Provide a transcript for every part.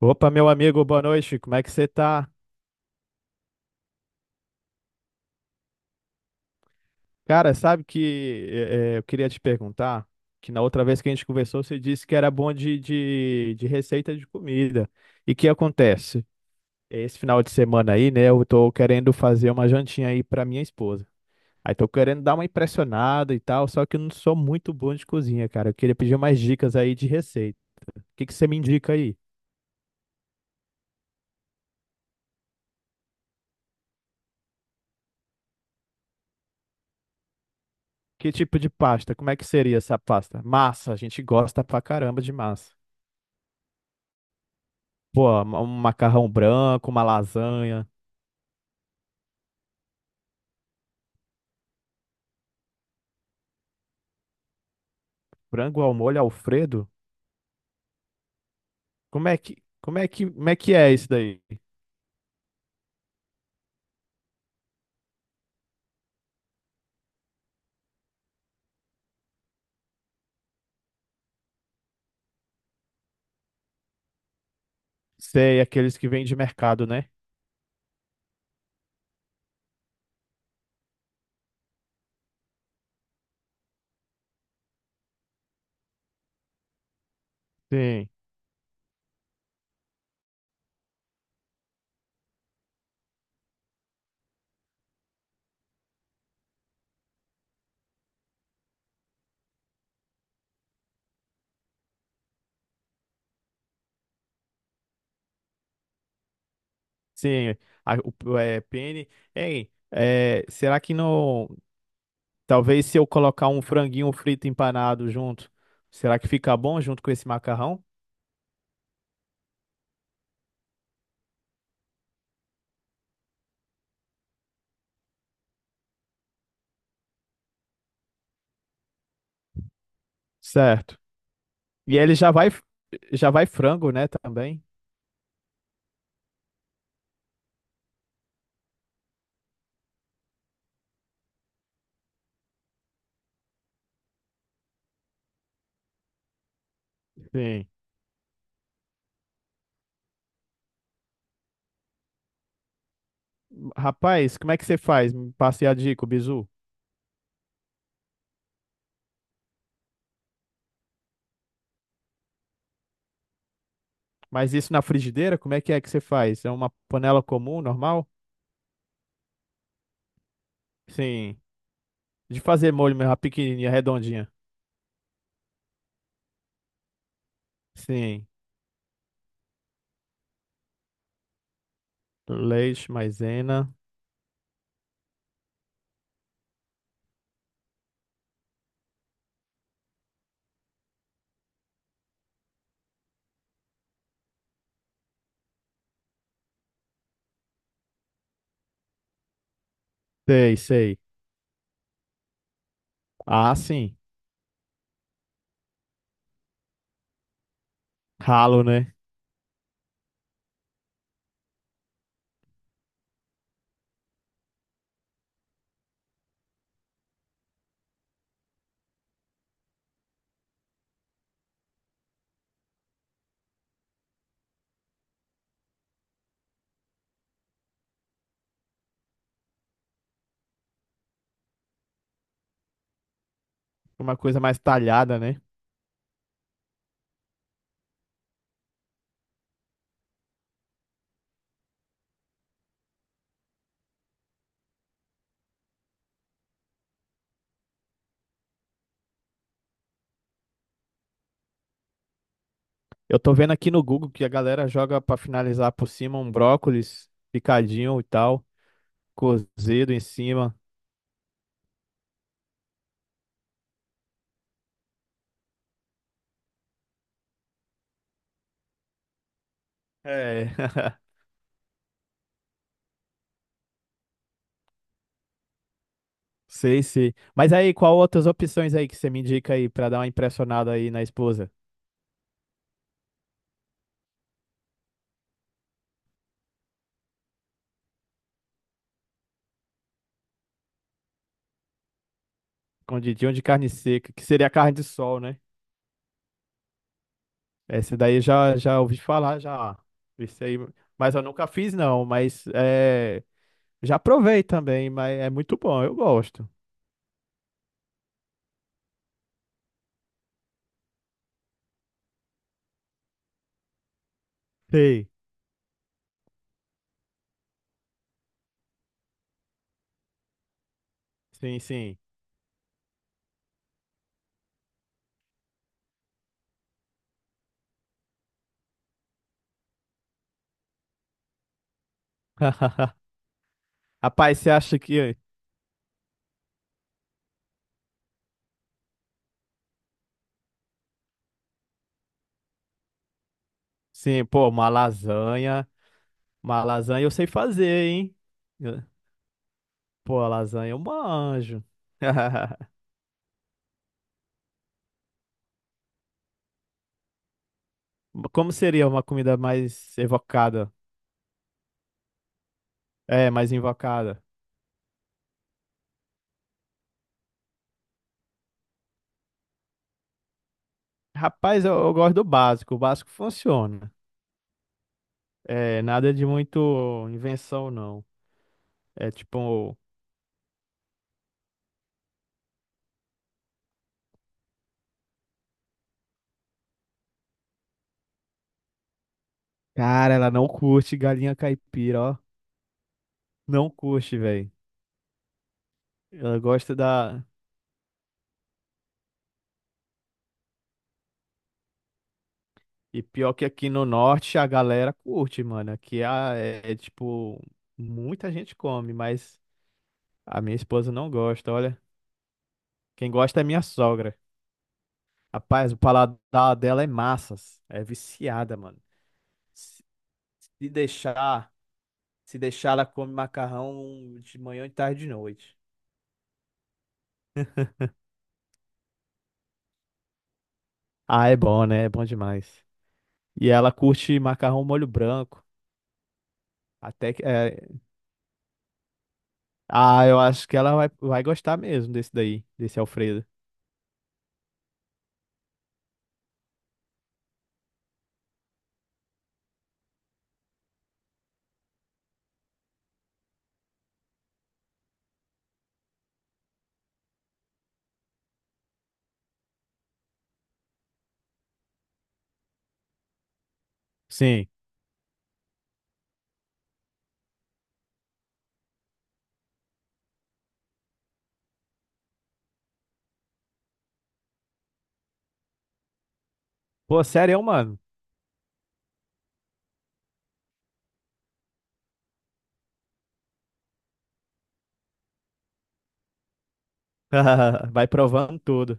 Opa, meu amigo, boa noite, como é que você tá? Cara, sabe que eu queria te perguntar, que na outra vez que a gente conversou, você disse que era bom de receita de comida. E que acontece? Esse final de semana aí, né, eu tô querendo fazer uma jantinha aí pra minha esposa. Aí tô querendo dar uma impressionada e tal, só que eu não sou muito bom de cozinha, cara. Eu queria pedir umas dicas aí de receita. O que que você me indica aí? Que tipo de pasta? Como é que seria essa pasta? Massa, a gente gosta pra caramba de massa. Pô, um macarrão branco, uma lasanha, frango ao molho Alfredo? Como é que, como é que, como é que é isso daí? Sei, aqueles que vêm de mercado, né? Sim, sim. A- o, é, pene. Ei, é, será que não. Talvez se eu colocar um franguinho frito empanado junto, será que fica bom junto com esse macarrão? Certo. E ele já vai frango, né, também? Sim. Rapaz, como é que você faz? Me passe a dica, o bizu. Mas isso na frigideira, como é que você faz? É uma panela comum, normal? Sim. De fazer molho mesmo, a pequenininha, redondinha. Sim. Leite, maisena. Sei, sei. Ah, sim. Ralo, né? Uma coisa mais talhada, né? Eu tô vendo aqui no Google que a galera joga pra finalizar por cima um brócolis picadinho e tal, cozido em cima. É. Sei, sei. Mas aí, qual outras opções aí que você me indica aí pra dar uma impressionada aí na esposa? Escondidinho de carne seca, que seria carne de sol, né? Esse daí já já ouvi falar, já. Esse aí, mas eu nunca fiz não, mas é, já provei também, mas é muito bom, eu gosto. Sei. Sim, sim. Rapaz, você acha que sim, pô, uma lasanha eu sei fazer, hein? Eu- Pô, a lasanha eu manjo. Como seria uma comida mais evocada? É, mais invocada. Rapaz, eu gosto do básico, o básico funciona. É, nada de muito invenção, não. É tipo, cara, ela não curte galinha caipira, ó. Não curte, velho. Ela gosta da. E pior que aqui no norte a galera curte, mano. Aqui a- é, é, tipo, muita gente come, mas a minha esposa não gosta, olha. Quem gosta é minha sogra. Rapaz, o paladar dela é massas. É viciada, mano. Se se deixar, se deixar, ela come macarrão de manhã, de tarde e de noite. Ah, é bom, né? É bom demais. E ela curte macarrão molho branco. Até que. É, Ah, eu acho que ela vai, vai gostar mesmo desse daí, desse Alfredo. Sim. Pô, sério, mano. Vai provando tudo.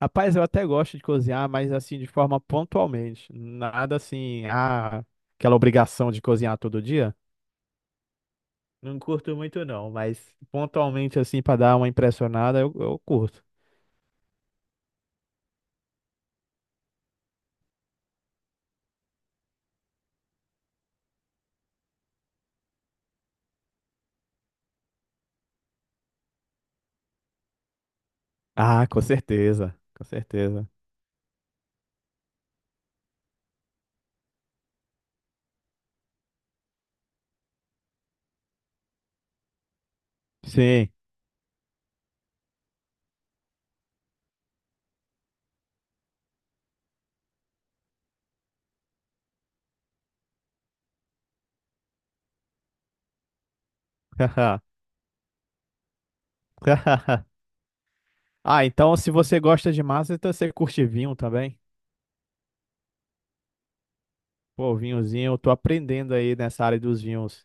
Rapaz, eu até gosto de cozinhar, mas assim, de forma pontualmente. Nada assim, ah, aquela obrigação de cozinhar todo dia. Não curto muito, não, mas pontualmente, assim, pra dar uma impressionada, eu curto. Ah, com certeza, com certeza. Sim. Ah, então se você gosta de massa, então você curte vinho também? Pô, vinhozinho, eu tô aprendendo aí nessa área dos vinhos.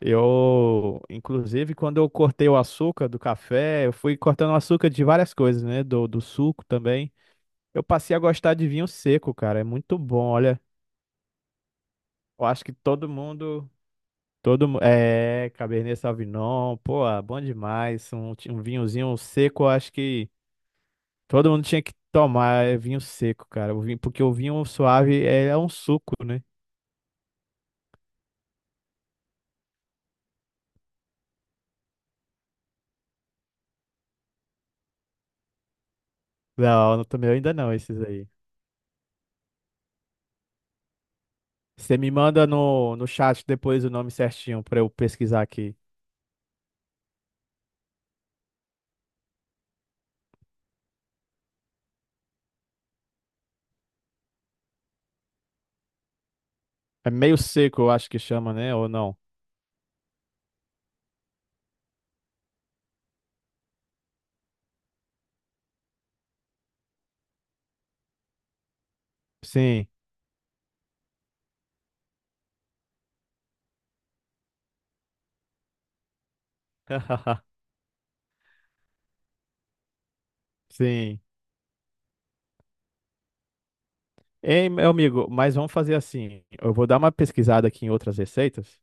Eu, inclusive, quando eu cortei o açúcar do café, eu fui cortando o açúcar de várias coisas, né? Do suco também. Eu passei a gostar de vinho seco, cara. É muito bom, olha. Eu acho que todo mundo, todo, mu- é, Cabernet Sauvignon, pô, ah, bom demais. Um, ti- um vinhozinho seco, eu acho que todo mundo tinha que tomar é, vinho seco, cara. O vinho, porque o vinho suave é, é um suco, né? Não, no meu ainda não, esses aí. Você me manda no chat depois o nome certinho pra eu pesquisar aqui. É meio seco, eu acho que chama, né? Ou não? Sim. Sim. Ei, meu amigo, mas vamos fazer assim. Eu vou dar uma pesquisada aqui em outras receitas,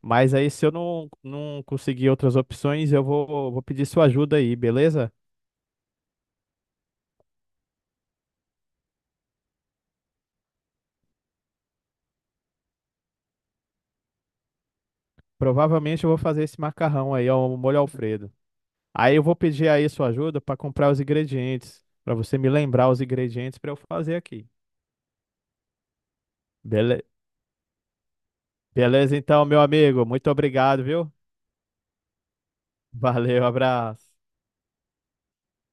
mas aí se eu não, não conseguir outras opções, eu vou, vou pedir sua ajuda aí, beleza? Provavelmente eu vou fazer esse macarrão aí, ó, o molho Alfredo. Aí eu vou pedir aí sua ajuda para comprar os ingredientes, para você me lembrar os ingredientes para eu fazer aqui. Bele- Beleza, então, meu amigo. Muito obrigado, viu? Valeu, abraço.